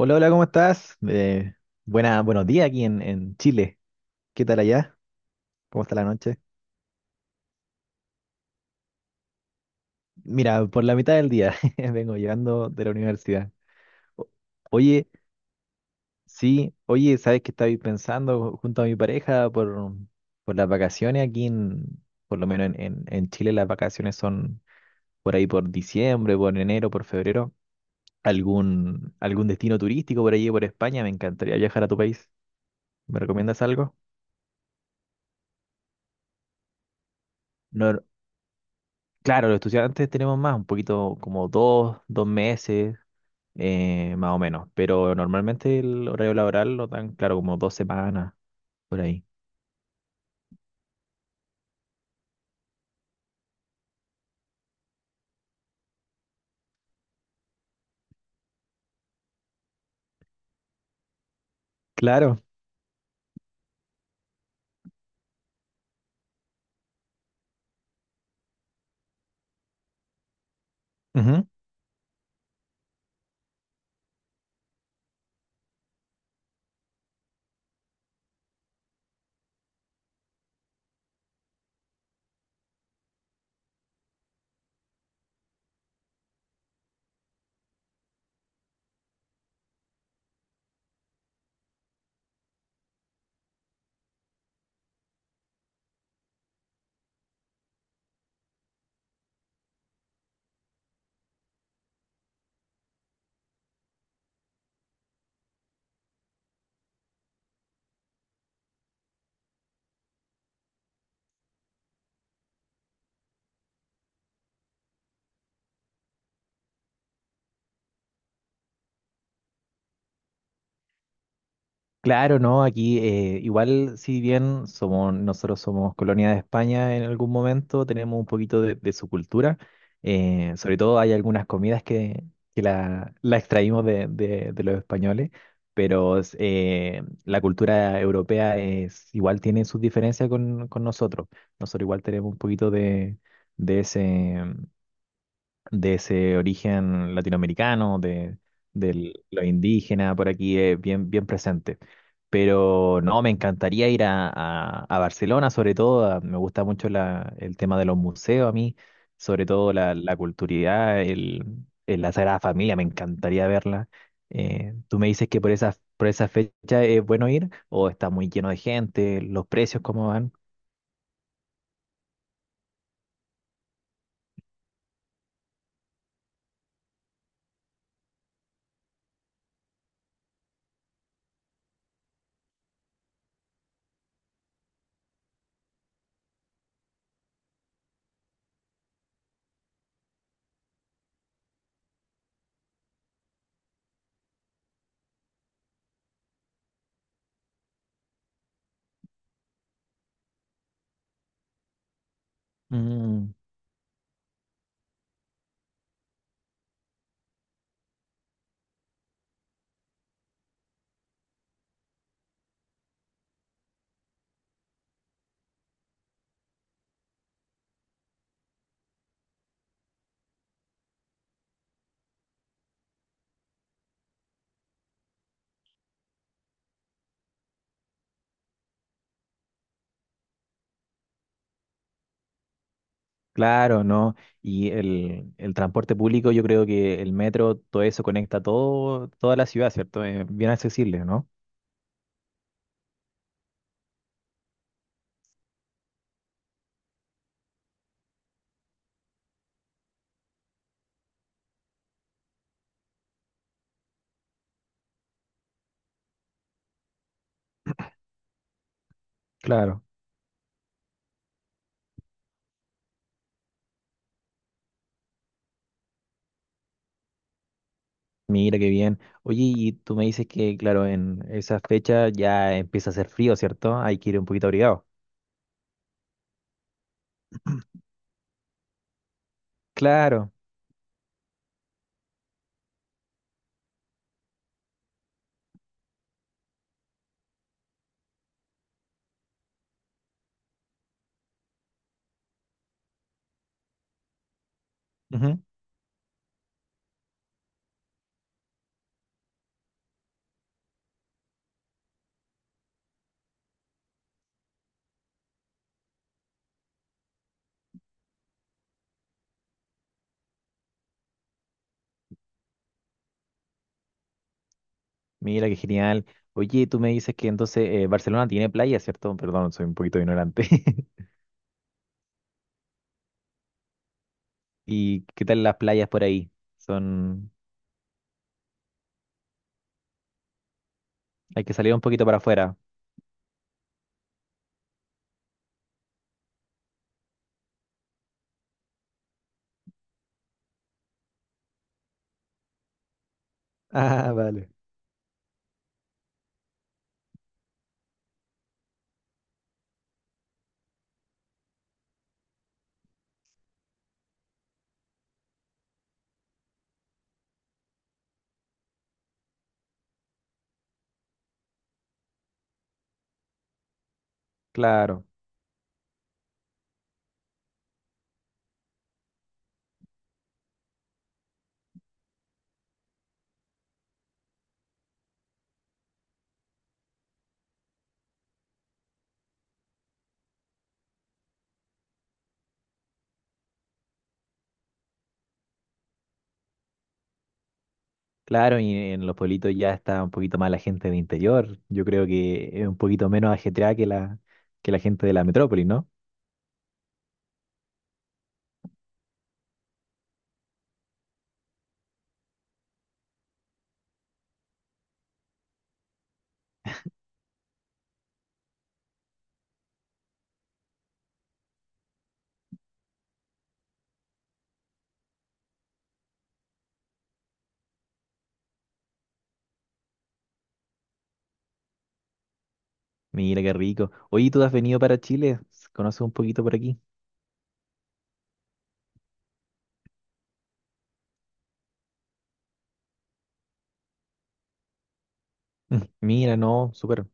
Hola, hola, ¿cómo estás? Buenos días aquí en Chile. ¿Qué tal allá? ¿Cómo está la noche? Mira, por la mitad del día vengo llegando de la universidad. O- Oye, sí, oye, ¿sabes qué estaba pensando junto a mi pareja por las vacaciones aquí por lo menos en Chile las vacaciones son por ahí por diciembre, por enero, por febrero. ¿Algún destino turístico por allí, por España? Me encantaría viajar a tu país. ¿Me recomiendas algo? No, claro, los estudiantes tenemos más, un poquito como dos meses, más o menos, pero normalmente el horario laboral lo dan, claro, como 2 semanas por ahí. Claro. Ujú. Claro, no, aquí igual si bien somos, nosotros somos colonia de España en algún momento, tenemos un poquito de su cultura, sobre todo hay algunas comidas que la extraímos de los españoles, pero es, la cultura europea es, igual tiene sus diferencias con nosotros, nosotros igual tenemos un poquito de ese, de ese origen latinoamericano, de, lo indígena por aquí, bien, bien presente. Pero no, me encantaría ir a, a Barcelona, sobre todo, me gusta mucho el tema de los museos a mí, sobre todo la, la culturalidad, el, la Sagrada Familia, me encantaría verla. Tú me dices que por esa fecha es bueno ir o está muy lleno de gente, los precios, ¿cómo van? Claro, ¿no? Y el transporte público, yo creo que el metro, todo eso conecta todo, toda la ciudad, ¿cierto? Es bien accesible, ¿no? Claro. Mira qué bien. Oye, y tú me dices que, claro, en esa fecha ya empieza a hacer frío, ¿cierto? Hay que ir un poquito abrigado. Claro. Ujú. Mira qué genial. Oye, tú me dices que entonces Barcelona tiene playas, ¿cierto? Perdón, soy un poquito ignorante. ¿Y qué tal las playas por ahí? Son. Hay que salir un poquito para afuera. Ah, vale. Claro. Claro, y en los pueblitos ya está un poquito más la gente de interior. Yo creo que es un poquito menos ajetreada que la gente de la metrópoli, ¿no? Mira qué rico. Oye, ¿tú has venido para Chile? ¿Conoces un poquito por aquí? Mm, mira, no, súper.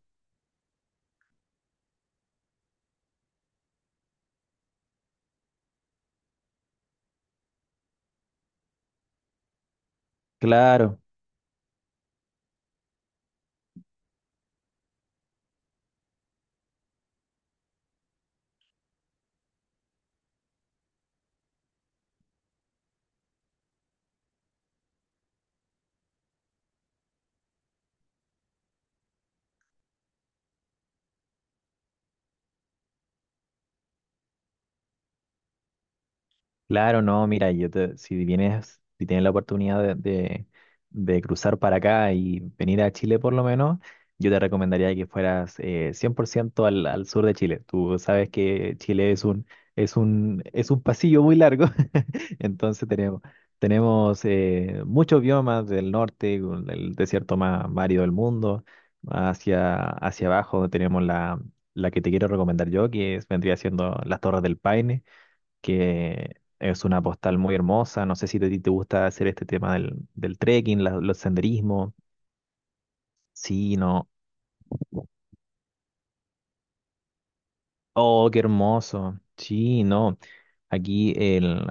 Claro, claro, no, mira, si vienes, si tienes la oportunidad de cruzar para acá y venir a Chile por lo menos, yo te recomendaría que fueras 100% al sur de Chile. Tú sabes que Chile es un, es un pasillo muy largo. Entonces tenemos muchos biomas del norte, con el desierto más árido del mundo. Hacia abajo tenemos la que te quiero recomendar yo, vendría siendo las Torres del Paine, que es una postal muy hermosa. No sé si te gusta hacer este tema del trekking, los senderismos. Sí, no. Oh, qué hermoso. Sí, no. Aquí el,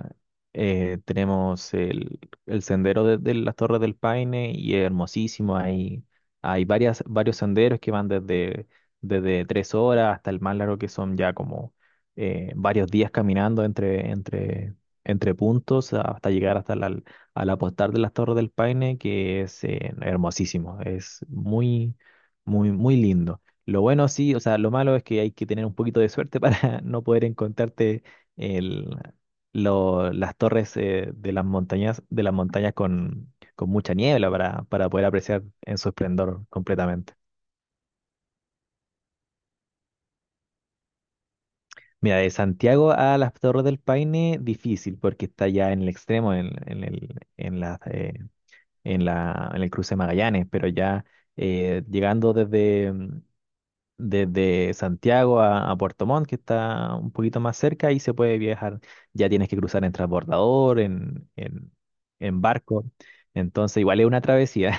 eh, tenemos el sendero de las Torres del Paine y es hermosísimo. Hay varios senderos que van desde 3 horas hasta el más largo que son ya como varios días caminando entre puntos hasta llegar hasta al apostar de las Torres del Paine, que es hermosísimo. Es muy, muy, muy lindo. Lo bueno sí, o sea, lo malo es que hay que tener un poquito de suerte para no poder encontrarte el, las torres de las montañas, con mucha niebla para poder apreciar en su esplendor completamente. Mira, de Santiago a las Torres del Paine, difícil, porque está ya en el extremo, en el, en la, en la, en el cruce de Magallanes, pero ya llegando desde Santiago a Puerto Montt, que está un poquito más cerca, y se puede viajar. Ya tienes que cruzar en transbordador, en barco. Entonces, igual es una travesía.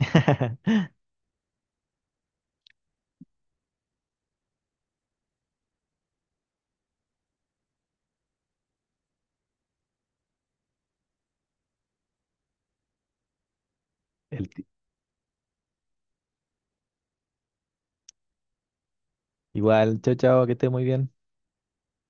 El- igual, chao, chao, que esté muy bien.